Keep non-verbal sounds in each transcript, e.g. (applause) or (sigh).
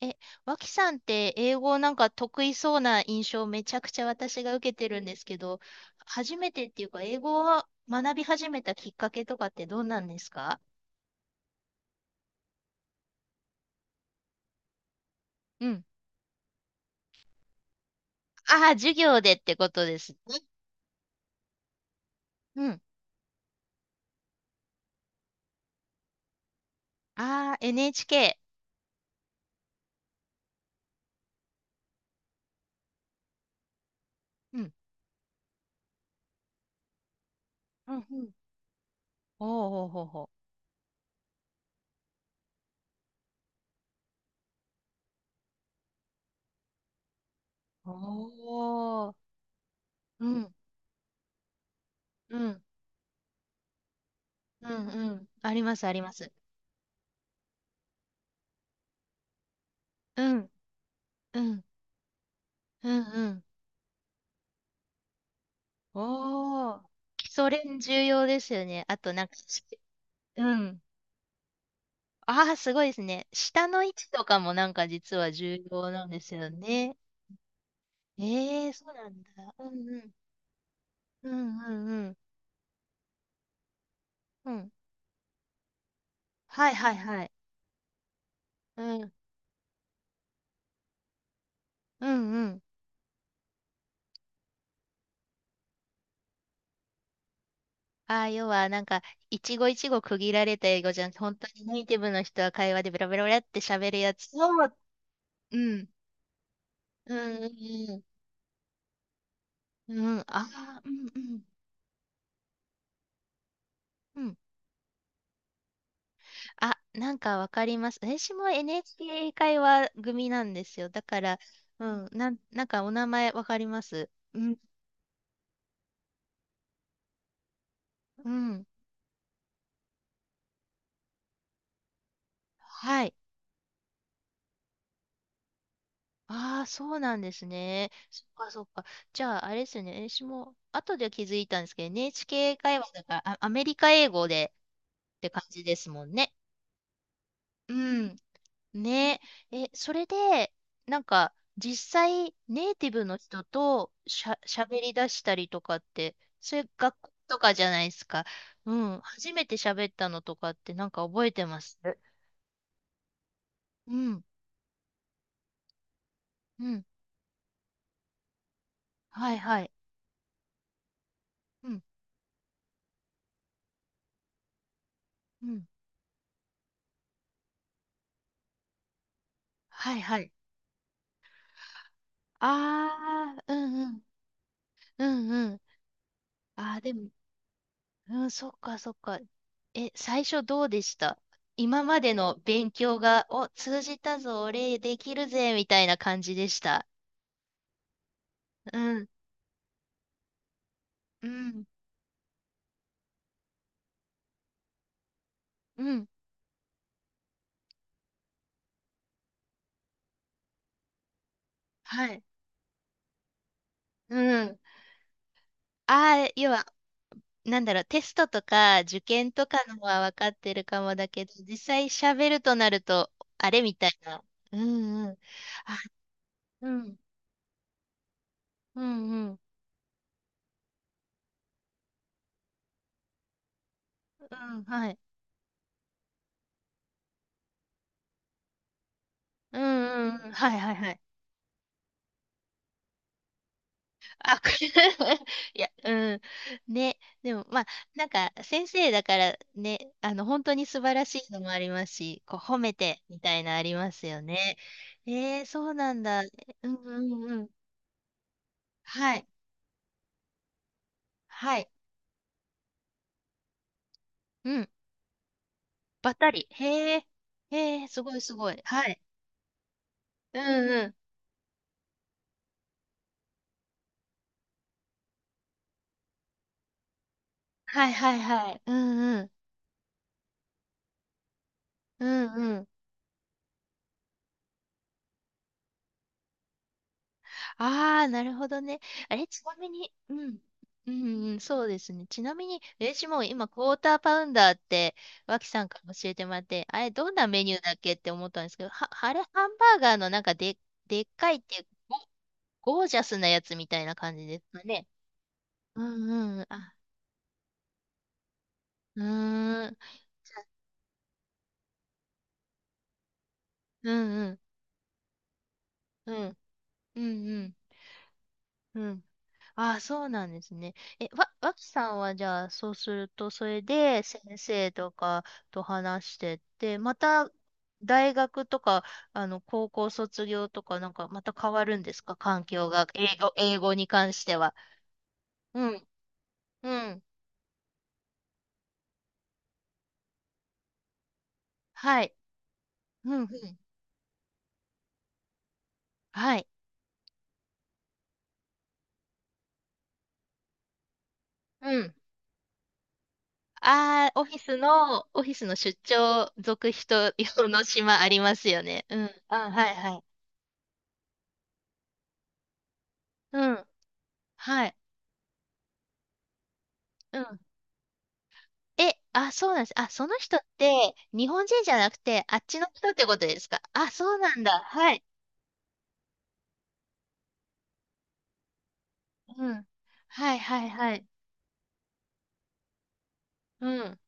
え、脇さんって英語なんか得意そうな印象をめちゃくちゃ私が受けてるんですけど、初めてっていうか、英語を学び始めたきっかけとかってどうなんですか？うん。ああ、授業でってことですね。うん。ああ、NHK。うん。うんうん。おーほうほうほう。おー。うん。うん。うんうん。あります、あります。うん。うん。うんうん。おー。基礎練重要ですよね。あとなんか、うん。ああ、すごいですね。下の位置とかもなんか実は重要なんですよね。ええ、そうなんだ。うんうん。うんうんうん。うん。はいはいはい。うん。うんうん。ああ、要はなんか、一語一語区切られた英語じゃなくて、本当にネイティブの人は会話でベラベラベラって喋るやつを、うん。うんうんうん。うん。ああ、うんうん。うん。あ、なんかわかります。私も NHK 英会話組なんですよ。だから、うん、なんかお名前わかります。うん、うん。はい。ああ、そうなんですね。そっかそっか。じゃあ、あれですよね。私も後で気づいたんですけど、NHK 英会話だから、あ、アメリカ英語でって感じですもんね。うん。ねえ、それで、なんか、実際、ネイティブの人とし、ゃ、喋り出したりとかって、それ学校とかじゃないですか？うん、初めて喋ったのとかって、なんか覚えてます？うん、うん、はいはい。うん、うん、はいはい。ああ、うんうん、うんうん。ああ、でも、うん、そっかそっか。え、最初どうでした？今までの勉強が、お、通じたぞ、俺できるぜ、みたいな感じでした？うん、うん、うん。はい。うん。ああ、要は、なんだろう、テストとか受験とかのは分かってるかもだけど、実際喋るとなると、あれみたいな。うんうん。あ、うん、うんうん。うん、はい。うんうんうん。はいはいはい。あ、これ (laughs) いや、うん。ね。でも、まあ、なんか、先生だからね、あの、本当に素晴らしいのもありますし、こう、褒めて、みたいなありますよね。えー、そうなんだ。うんうんうん。はい。はい。うん。ばったり。へえ。へえ、すごいすごい。はい。うんうん。はいはいはい。うんうん。うんうん。ああ、なるほどね。あれ、ちなみに、うん。うん、うんそうですね。ちなみに、私も今、クォーターパウンダーって、脇さんから教えてもらって、あれ、どんなメニューだっけって思ったんですけど、は、あれ、ハンバーガーのなんかで、でっかいっていう、ゴゴージャスなやつみたいな感じですかね？うんうん。あ、うーん。うんうん。うん。うんうん。うん。ああ、そうなんですね。え、わ、わきさんはじゃあ、そうすると、それで先生とかと話してって、また大学とか、あの、高校卒業とか、なんかまた変わるんですか、環境が、英語、英語に関しては？うん、うん、はい、うん、うん、はい、うん。ああ、オフィスの、オフィスの出張続人用の島ありますよね。うん、あ、はい、はい。うん、はい、うん。え、あ、そうなんです？あ、その人って、日本人じゃなくて、あっちの人ってことですか？あ、そうなんだ。はい。うん。はい、はい、はい。うん。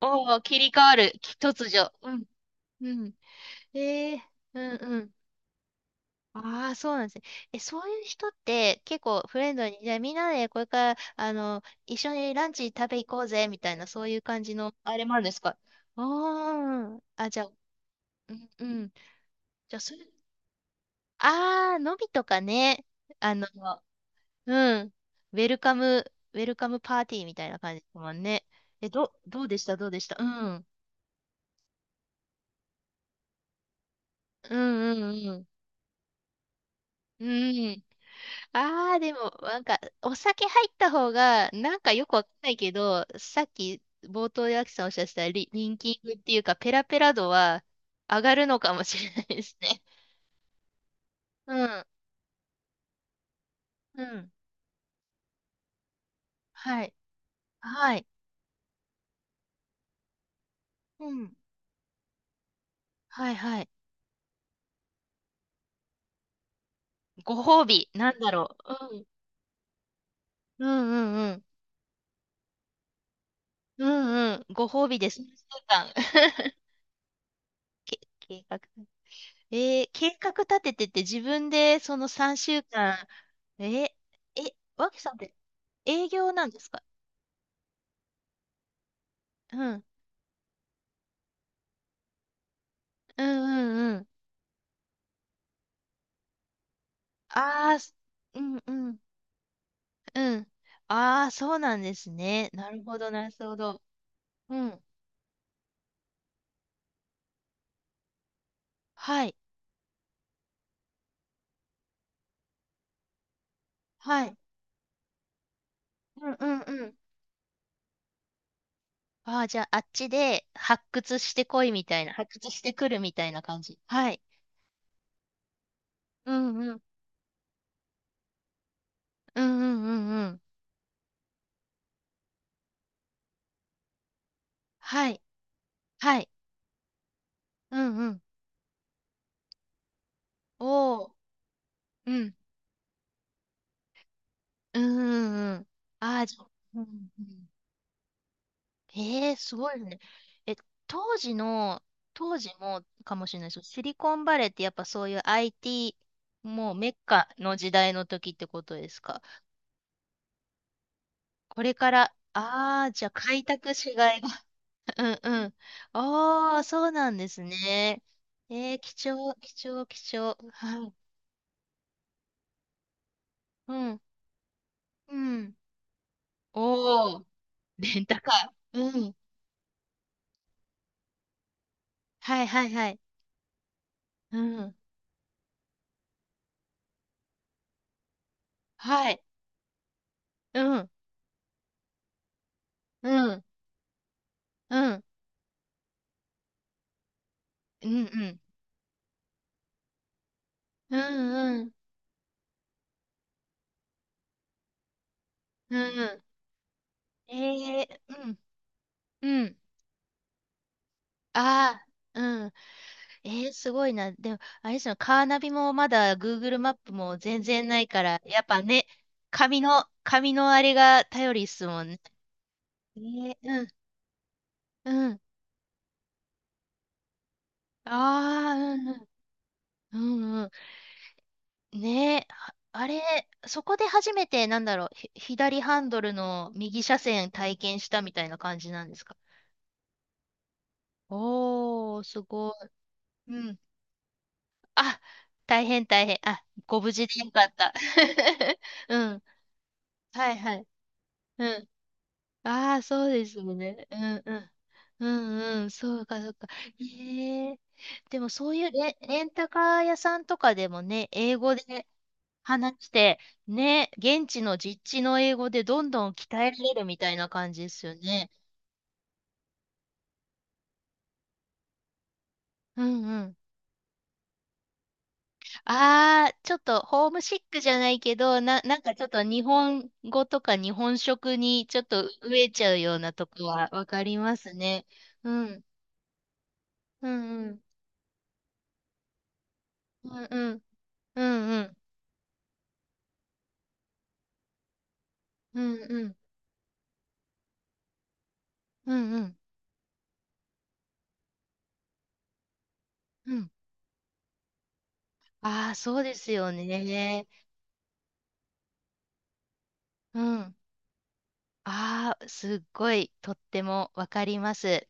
おお、切り替わる。き突如。うん。うん。えー、うん、うん。ああ、そうなんですね。え、そういう人って結構フレンドに、じゃあみんなでこれから、あの、一緒にランチ食べ行こうぜ、みたいな、そういう感じの、あれもあるんですか？あーあ、じゃあ、うん、うん。じゃあ、それ、ああ、のびとかね。あの、うん。ウェルカム、ウェルカムパーティーみたいな感じですもんね。え、ど、どうでしたどうでしたうん。うんうんうん。うん。ああ、でも、なんか、お酒入った方が、なんかよくわかんないけど、さっき冒頭でアキさんおっしゃってたリ、リンキングっていうか、ペラペラ度は上がるのかもしれないですね。うん。うん。はい。はい。うん。はいはい。ご褒美、なんだろう。うん。うんうんうん。うんうん。ご褒美です。一週間 (laughs) け計画。えー、計画立ててて自分でその3週間、えー、え、わきさんって営業なんですか？うん。うんうんうん。ああ、す、うんうんうん。ああ、そうなんですね。なるほど、なるほど。うん。はい。はい。うんうんうん。ああ、じゃあ、あっちで発掘してこいみたいな、発掘してくるみたいな感じ。はい。うんうん。うんうんうんうん。はい。はい。うんうん。おー。うん。うんうんうん。ああ、じゃあ、うんうん。ええすごいね。え、当時の、当時もかもしれないですけど、シリコンバレーってやっぱそういう IT、もうメッカの時代の時ってことですか？これから、ああ、じゃあ開拓しがいが。(laughs) うんうん。ああ、そうなんですね。えー、貴重、貴重、貴重。はい。うん。うん。おお、レンタカー。うん。はいはいはい。うん。はい。うん。うん。うん。うんうん。うんうん。うんうん。ええうん。うん。ああ。うん。ええすごいな。でも、あれですよ、カーナビもまだ Google マップも全然ないから、やっぱね、紙の、紙のあれが頼りっすもんね。ええうん。うん。ああ、うんうん。うんうん。ねえ、ああれ、そこで初めて、なんだろう、ひ左ハンドルの右車線体験したみたいな感じなんですか？おー、すごい。うん。あ、大変大変。あ、ご無事でよかった。(laughs) うん。はいはい。うん。ああ、そうですよね。うんうん。うんうん。そうかそうか。ええ。でもそういうレ、レンタカー屋さんとかでもね、英語で話して、ね、現地の実地の英語でどんどん鍛えられるみたいな感じですよね。うんうん。ああ、ちょっとホームシックじゃないけど、な、なんかちょっと日本語とか日本食にちょっと飢えちゃうようなとこはわかりますね。うん。うんうん。うんうん。うんうん。うんうん。うんうん。うん。ああ、そうですよね。うん。ああ、すっごいとってもわかります。